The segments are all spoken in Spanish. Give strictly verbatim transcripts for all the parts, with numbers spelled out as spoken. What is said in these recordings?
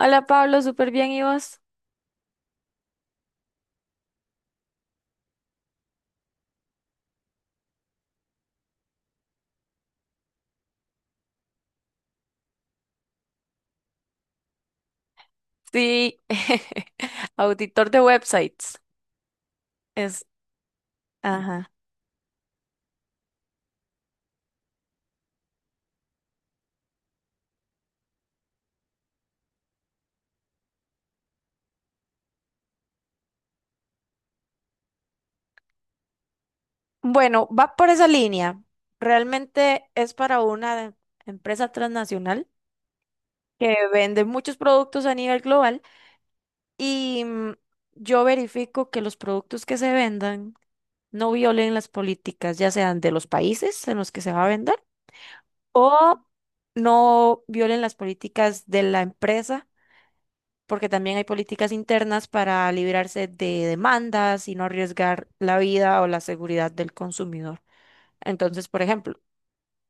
Hola Pablo, súper bien, ¿y vos? Sí, auditor de websites. Es, ajá. Bueno, va por esa línea. Realmente es para una empresa transnacional que vende muchos productos a nivel global y mm, yo verifico que los productos que se vendan no violen las políticas, ya sean de los países en los que se va a vender o no violen las políticas de la empresa porque también hay políticas internas para librarse de demandas y no arriesgar la vida o la seguridad del consumidor. Entonces, por ejemplo,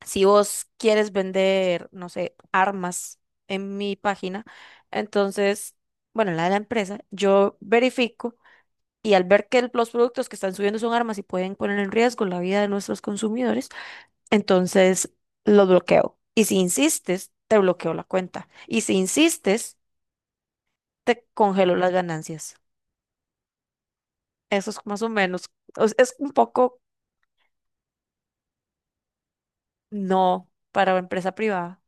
si vos quieres vender, no sé, armas en mi página, entonces, bueno, la de la empresa, yo verifico y al ver que el- los productos que están subiendo son armas y pueden poner en riesgo la vida de nuestros consumidores, entonces los bloqueo. Y si insistes, te bloqueo la cuenta. Y si insistes, te congelo las ganancias. Eso es más o menos, o es un poco no, para empresa privada.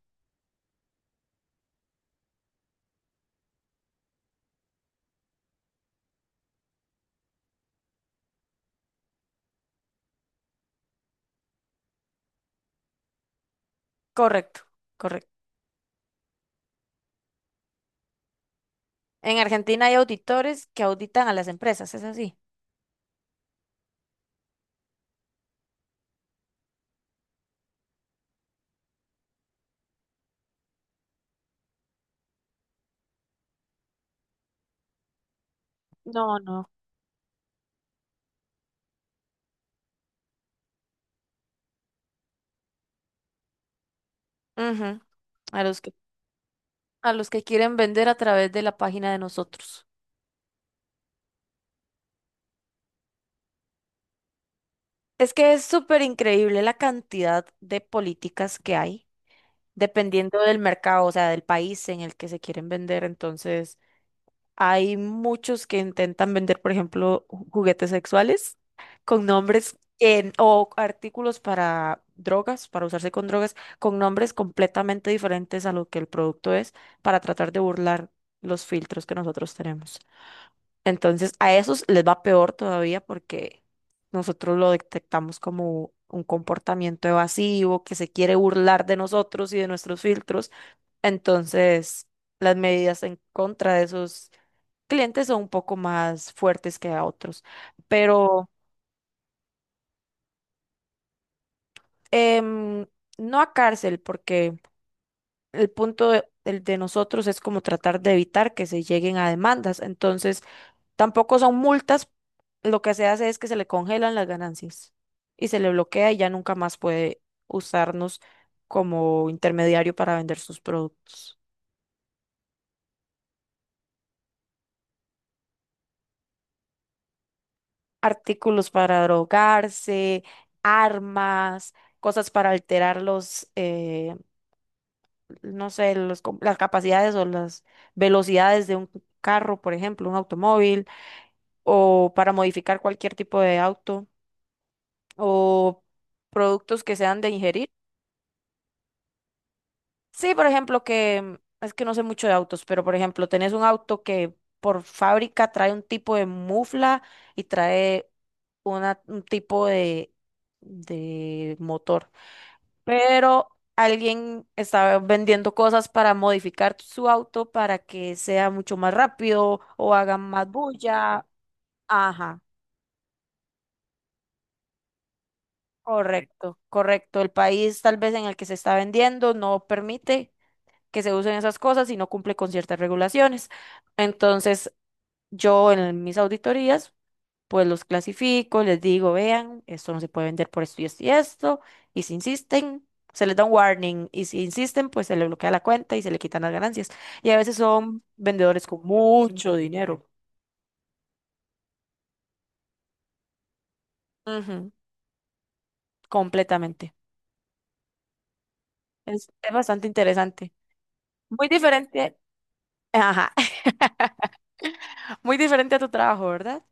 Correcto, correcto. En Argentina hay auditores que auditan a las empresas, ¿es así? No, no. Ujú. A los que, a los que quieren vender a través de la página de nosotros. Es que es súper increíble la cantidad de políticas que hay, dependiendo del mercado, o sea, del país en el que se quieren vender. Entonces, hay muchos que intentan vender, por ejemplo, ju- juguetes sexuales con nombres en- o artículos para drogas, para usarse con drogas, con nombres completamente diferentes a lo que el producto es, para tratar de burlar los filtros que nosotros tenemos. Entonces, a esos les va peor todavía porque nosotros lo detectamos como un comportamiento evasivo, que se quiere burlar de nosotros y de nuestros filtros, entonces, las medidas en contra de esos clientes son un poco más fuertes que a otros, pero em, no a cárcel, porque el punto de, el de nosotros es como tratar de evitar que se lleguen a demandas. Entonces, tampoco son multas, lo que se hace es que se le congelan las ganancias y se le bloquea y ya nunca más puede usarnos como intermediario para vender sus productos. Artículos para drogarse, armas, cosas para alterar los, eh, no sé, los com- las capacidades o las velocidades de un carro, por ejemplo, un automóvil, o para modificar cualquier tipo de auto, o productos que sean de ingerir. Sí, por ejemplo, que mm, es que no sé mucho de autos, pero por ejemplo, tenés un auto que por fábrica trae un tipo de mufla y trae una, un tipo de, de motor. Pero alguien está vendiendo cosas para modificar su auto para que sea mucho más rápido o haga más bulla. Ajá, correcto, correcto. El país tal vez en el que se está vendiendo no permite que se usen esas cosas y no cumple con ciertas regulaciones. Entonces, yo en mis auditorías pues los clasifico, les digo, vean, esto no se puede vender por esto y esto y esto, y si insisten, se les da un warning, y si insisten, pues se les bloquea la cuenta y se le quitan las ganancias. Y a veces son vendedores con mucho dinero. Ujú, completamente. Es, es bastante interesante. Muy diferente, ajá, muy diferente a tu trabajo, ¿verdad?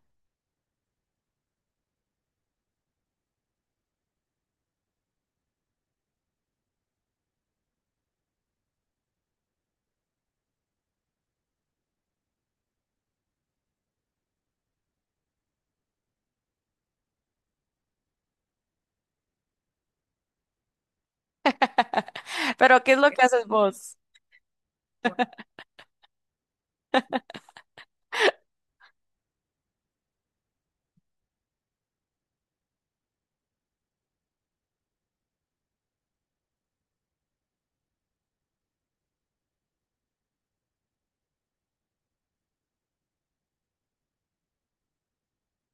Pero, ¿qué es lo que haces vos?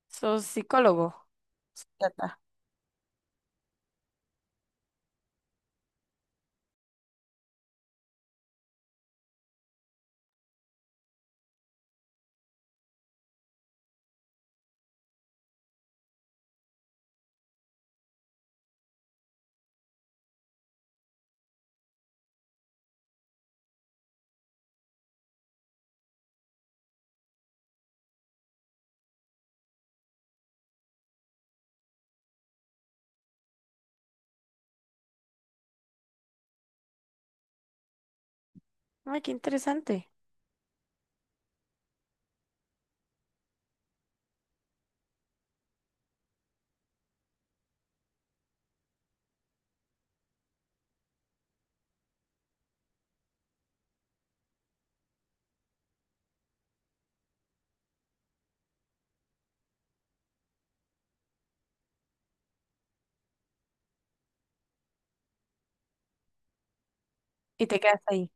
¿Sos psicólogo, psiquiatra? Ay, qué interesante. Y te quedas ahí.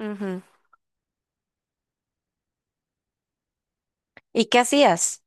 Ujú. ¿Y qué hacías?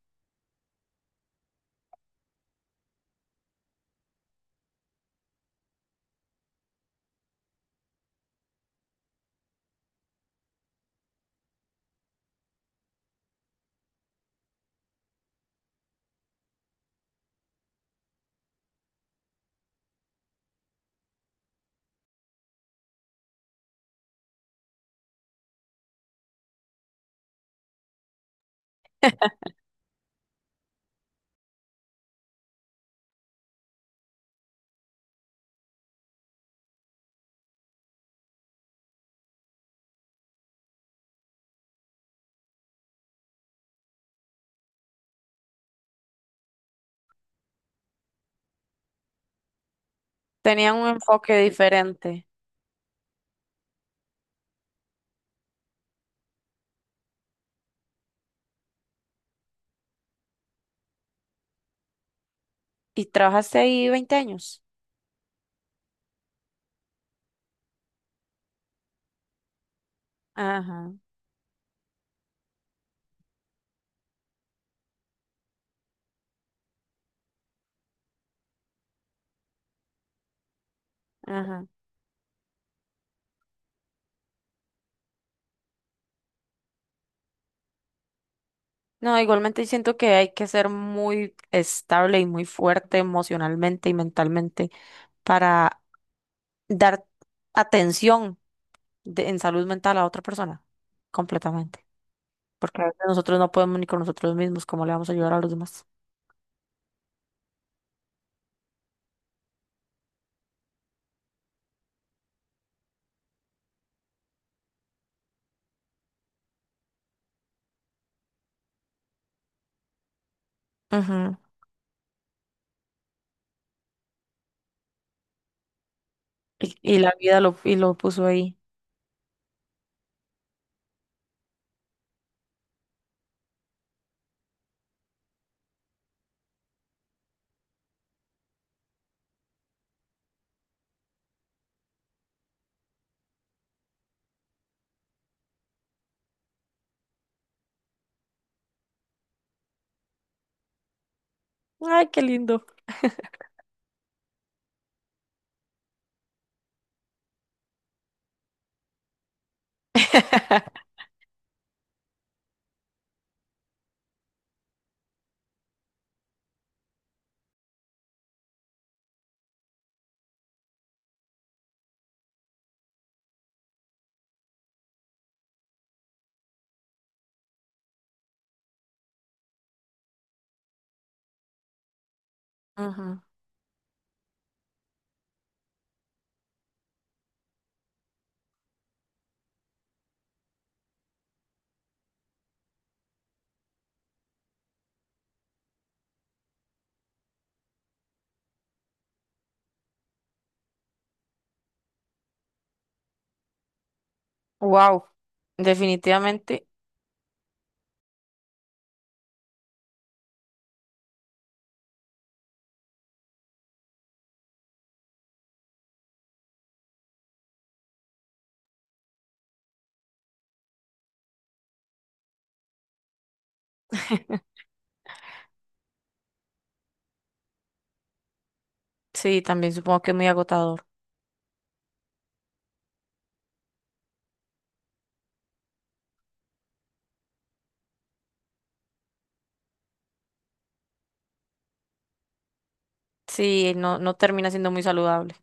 Tenían un enfoque diferente. Y trabajaste ahí veinte años. Ajá, ajá. No, igualmente siento que hay que ser muy estable y muy fuerte emocionalmente y mentalmente para dar atención de- en salud mental a otra persona, completamente. Porque a veces nosotros no podemos ni con nosotros mismos, ¿cómo le vamos a ayudar a los demás? Ujú. Y, y la vida lo, y lo puso ahí. Ay, qué lindo. Wow, definitivamente. Sí, también supongo que es muy agotador. Sí, no, no termina siendo muy saludable.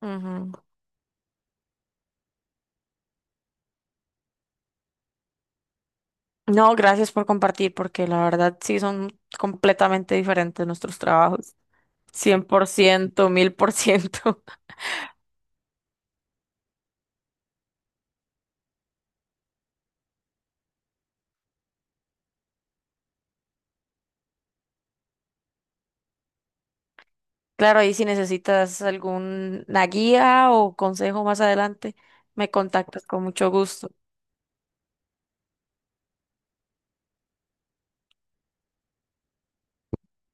Ujú. No, gracias por compartir, porque la verdad sí son completamente diferentes nuestros trabajos. Cien por ciento, mil por ciento. Claro, ahí si necesitas alguna guía o consejo más adelante, me contactas con mucho gusto.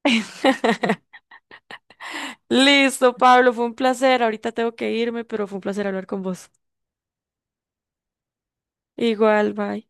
Listo, Pablo, fue un placer. Ahorita tengo que irme, pero fue un placer hablar con vos. Igual, bye.